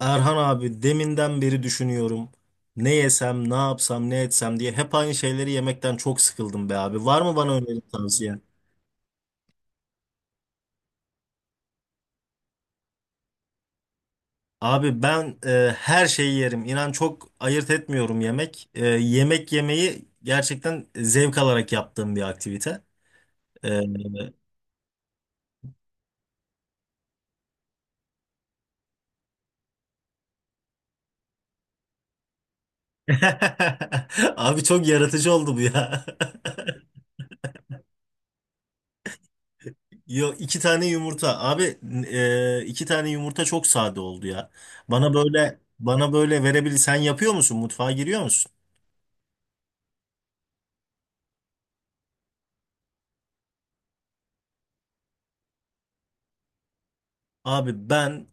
Erhan abi deminden beri düşünüyorum. Ne yesem, ne yapsam, ne etsem diye hep aynı şeyleri yemekten çok sıkıldım be abi. Var mı bana öneri tavsiyen? Abi ben her şeyi yerim. İnan çok ayırt etmiyorum yemek. Yemek yemeyi gerçekten zevk alarak yaptığım bir aktivite. E, Abi çok yaratıcı oldu bu ya. Yo iki tane yumurta. Abi iki tane yumurta çok sade oldu ya. Bana böyle verebilir. Sen yapıyor musun? Mutfağa giriyor musun? Abi ben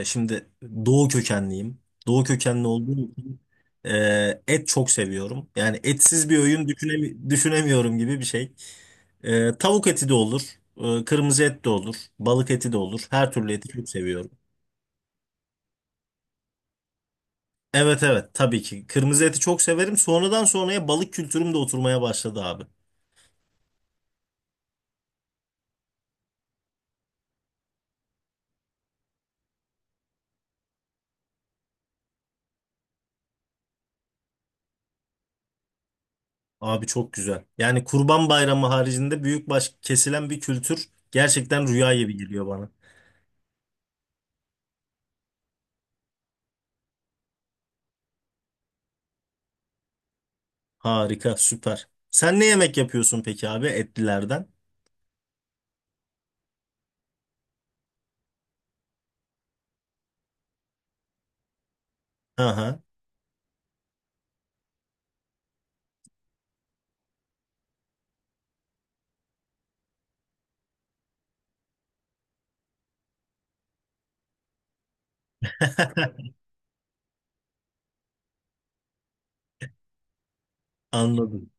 şimdi doğu kökenliyim. Doğu kökenli olduğum için et çok seviyorum. Yani etsiz bir öğün düşünemiyorum gibi bir şey. Tavuk eti de olur. Kırmızı et de olur. Balık eti de olur. Her türlü eti çok seviyorum. Evet, evet, tabii ki. Kırmızı eti çok severim. Sonradan sonraya balık kültürüm de oturmaya başladı abi. Abi çok güzel. Yani Kurban Bayramı haricinde büyük baş kesilen bir kültür gerçekten rüya gibi geliyor bana. Harika, süper. Sen ne yemek yapıyorsun peki abi etlilerden? Aha, anladım.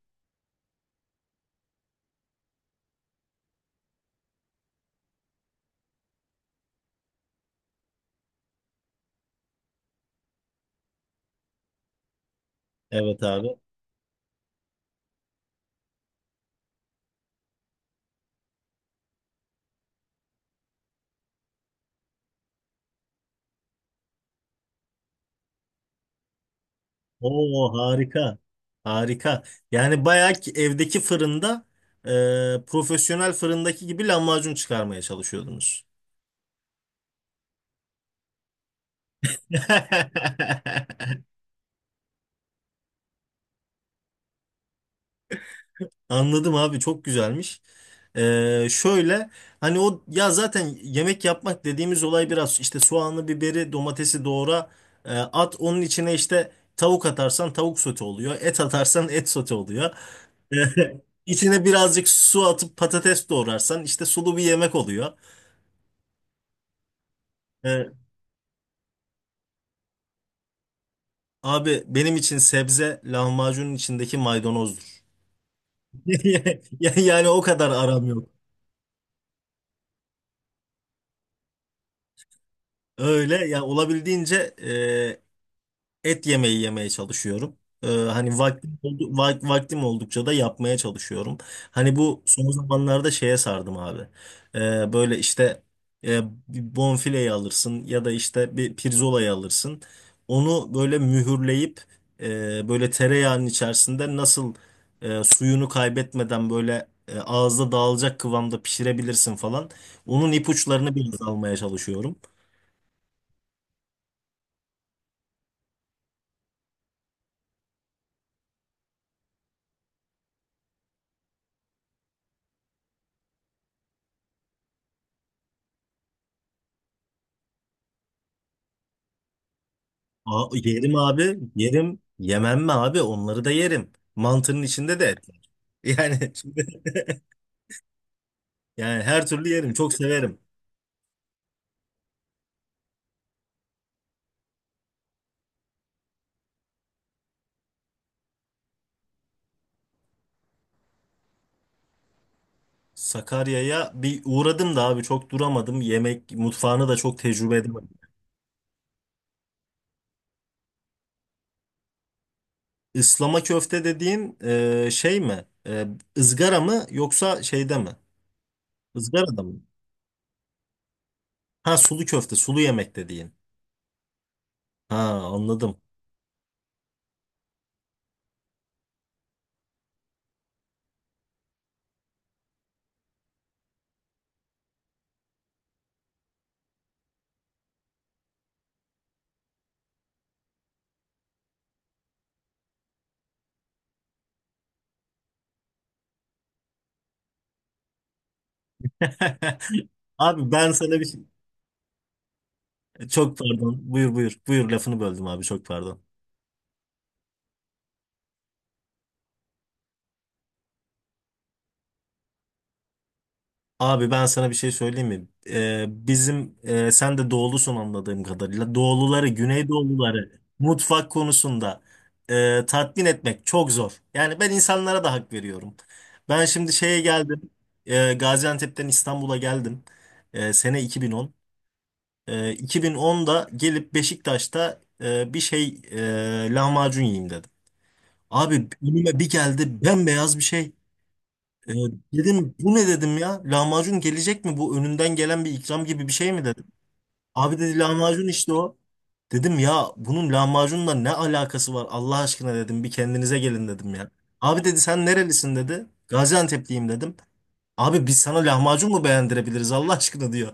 Evet abi. Oo, harika. Harika. Yani bayağı ki evdeki fırında profesyonel fırındaki gibi lahmacun çıkarmaya çalışıyordunuz. Anladım abi çok güzelmiş. Şöyle hani o ya zaten yemek yapmak dediğimiz olay biraz işte soğanlı biberi, domatesi doğra at onun içine işte tavuk atarsan tavuk sote oluyor. Et atarsan et sote oluyor. İçine birazcık su atıp patates doğrarsan işte sulu bir yemek oluyor. Ee, abi benim için sebze lahmacunun içindeki maydanozdur. Yani o kadar aram yok. Öyle ya olabildiğince e, et yemeği yemeye çalışıyorum. Hani vaktim oldukça da yapmaya çalışıyorum. Hani bu son zamanlarda şeye sardım abi. Böyle işte e, bir bonfileyi alırsın ya da işte bir pirzolayı alırsın. Onu böyle mühürleyip böyle tereyağının içerisinde nasıl suyunu kaybetmeden böyle ağızda dağılacak kıvamda pişirebilirsin falan. Onun ipuçlarını biraz almaya çalışıyorum. Aa, yerim abi. Yerim. Yemem mi abi? Onları da yerim. Mantının içinde de et var. Yani şimdi, yani her türlü yerim. Çok severim. Sakarya'ya bir uğradım da abi çok duramadım. Yemek mutfağını da çok tecrübe edemedim. Islama köfte dediğin şey mi? E, ızgara mı yoksa şeyde mi? Izgarada mı? Ha, sulu köfte, sulu yemek dediğin. Ha, anladım. Abi ben sana bir şey... Çok pardon. Buyur, buyur. Buyur lafını böldüm abi çok pardon. Abi ben sana bir şey söyleyeyim mi? Bizim sen de doğulusun anladığım kadarıyla. Doğuluları, Güneydoğuluları mutfak konusunda tatmin etmek çok zor. Yani ben insanlara da hak veriyorum. Ben şimdi şeye geldim. Gaziantep'ten İstanbul'a geldim. Sene 2010. 2010'da gelip Beşiktaş'ta bir şey lahmacun yiyeyim dedim. Abi önüme bir geldi bembeyaz bir şey. Ee, dedim bu ne dedim ya? Lahmacun gelecek mi? Bu önünden gelen bir ikram gibi bir şey mi dedim. Abi dedi lahmacun işte o. Dedim ya bunun lahmacunla ne alakası var Allah aşkına dedim. Bir kendinize gelin dedim ya. Abi dedi sen nerelisin dedi. Gaziantep'liyim dedim. Abi biz sana lahmacun mu beğendirebiliriz Allah aşkına diyor.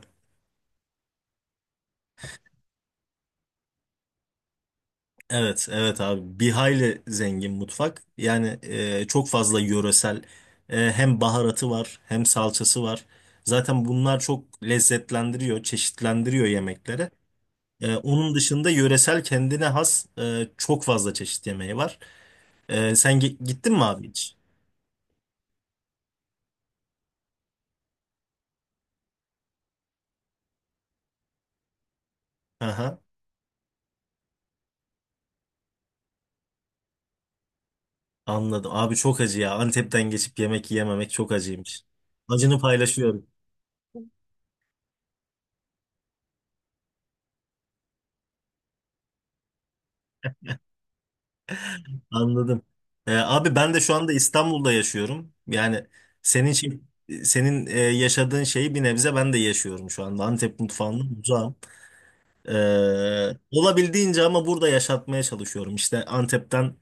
Evet, evet abi. Bir hayli zengin mutfak. Yani çok fazla yöresel hem baharatı var hem salçası var. Zaten bunlar çok lezzetlendiriyor, çeşitlendiriyor yemekleri. Onun dışında yöresel kendine has çok fazla çeşit yemeği var. Sen gittin mi abi hiç? Aha. Anladım. Abi çok acı ya. Antep'ten geçip yemek yiyememek çok acıymış. Acını paylaşıyorum. Anladım. Abi ben de şu anda İstanbul'da yaşıyorum. Yani senin şey- senin yaşadığın şeyi bir nebze ben de yaşıyorum şu anda. Antep mutfağından uzağım. Olabildiğince ama burada yaşatmaya çalışıyorum. İşte Antep'ten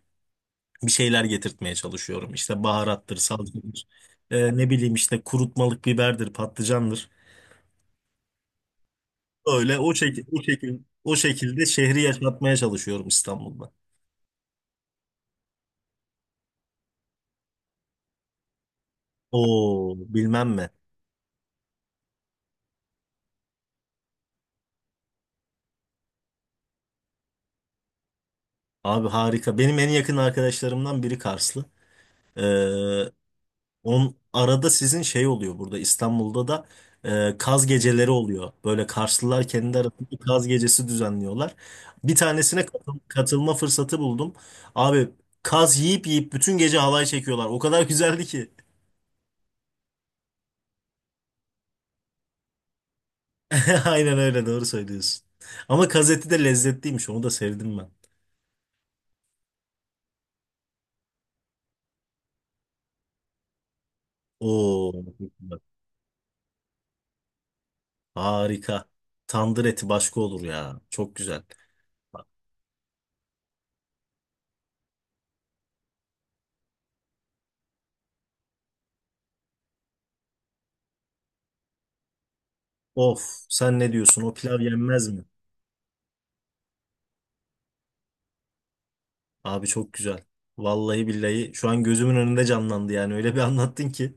bir şeyler getirtmeye çalışıyorum. İşte baharattır, salçadır, ne bileyim işte kurutmalık biberdir, patlıcandır. Öyle o şekilde şehri yaşatmaya çalışıyorum İstanbul'da. Oo, bilmem mi. Abi harika. Benim en yakın arkadaşlarımdan biri Karslı. Ee, on arada sizin şey oluyor burada İstanbul'da da kaz geceleri oluyor. Böyle Karslılar kendi arasında kaz gecesi düzenliyorlar. Bir tanesine katılma fırsatı buldum. Abi kaz yiyip yiyip bütün gece halay çekiyorlar. O kadar güzeldi ki. Aynen öyle doğru söylüyorsun. Ama kaz eti de lezzetliymiş onu da sevdim ben. Oo, harika. Tandır eti başka olur ya. Çok güzel. Of, sen ne diyorsun? O pilav yenmez mi? Abi çok güzel. Vallahi billahi şu an gözümün önünde canlandı yani öyle bir anlattın ki.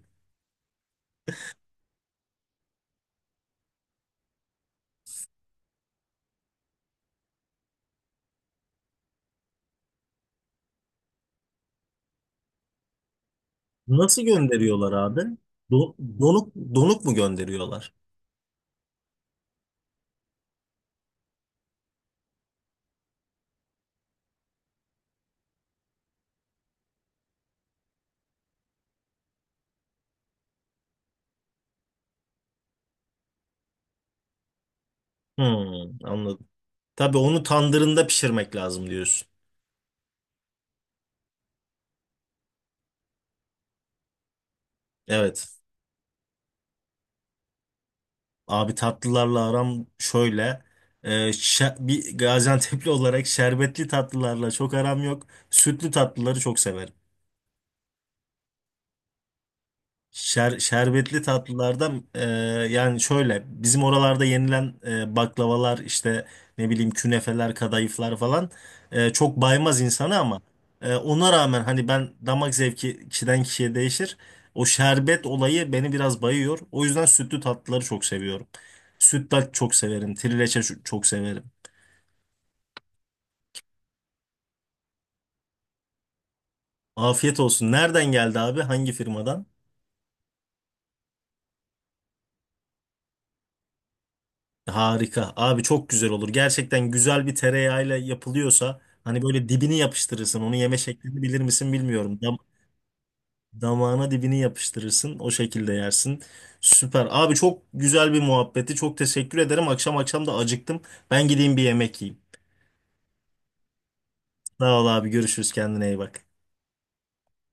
Nasıl gönderiyorlar abi? Donuk donuk mu gönderiyorlar? Hmm, anladım. Tabii onu tandırında pişirmek lazım diyorsun. Evet. Abi tatlılarla aram şöyle. Bir Gaziantep'li olarak şerbetli tatlılarla çok aram yok. Sütlü tatlıları çok severim. Şerbetli tatlılardan yani şöyle bizim oralarda yenilen baklavalar işte ne bileyim künefeler kadayıflar falan çok baymaz insanı ama ona rağmen hani ben damak zevki kişiden kişiye değişir. O şerbet olayı beni biraz bayıyor. O yüzden sütlü tatlıları çok seviyorum. Sütlaç çok severim. Trileçe çok severim. Afiyet olsun. Nereden geldi abi? Hangi firmadan? Harika. Abi çok güzel olur. Gerçekten güzel bir tereyağıyla yapılıyorsa hani böyle dibini yapıştırırsın. Onu yeme şeklini bilir misin bilmiyorum. Damağına dibini yapıştırırsın. O şekilde yersin. Süper. Abi çok güzel bir muhabbeti. Çok teşekkür ederim. Akşam akşam da acıktım. Ben gideyim bir yemek yiyeyim. Sağ ol abi. Görüşürüz. Kendine iyi bak.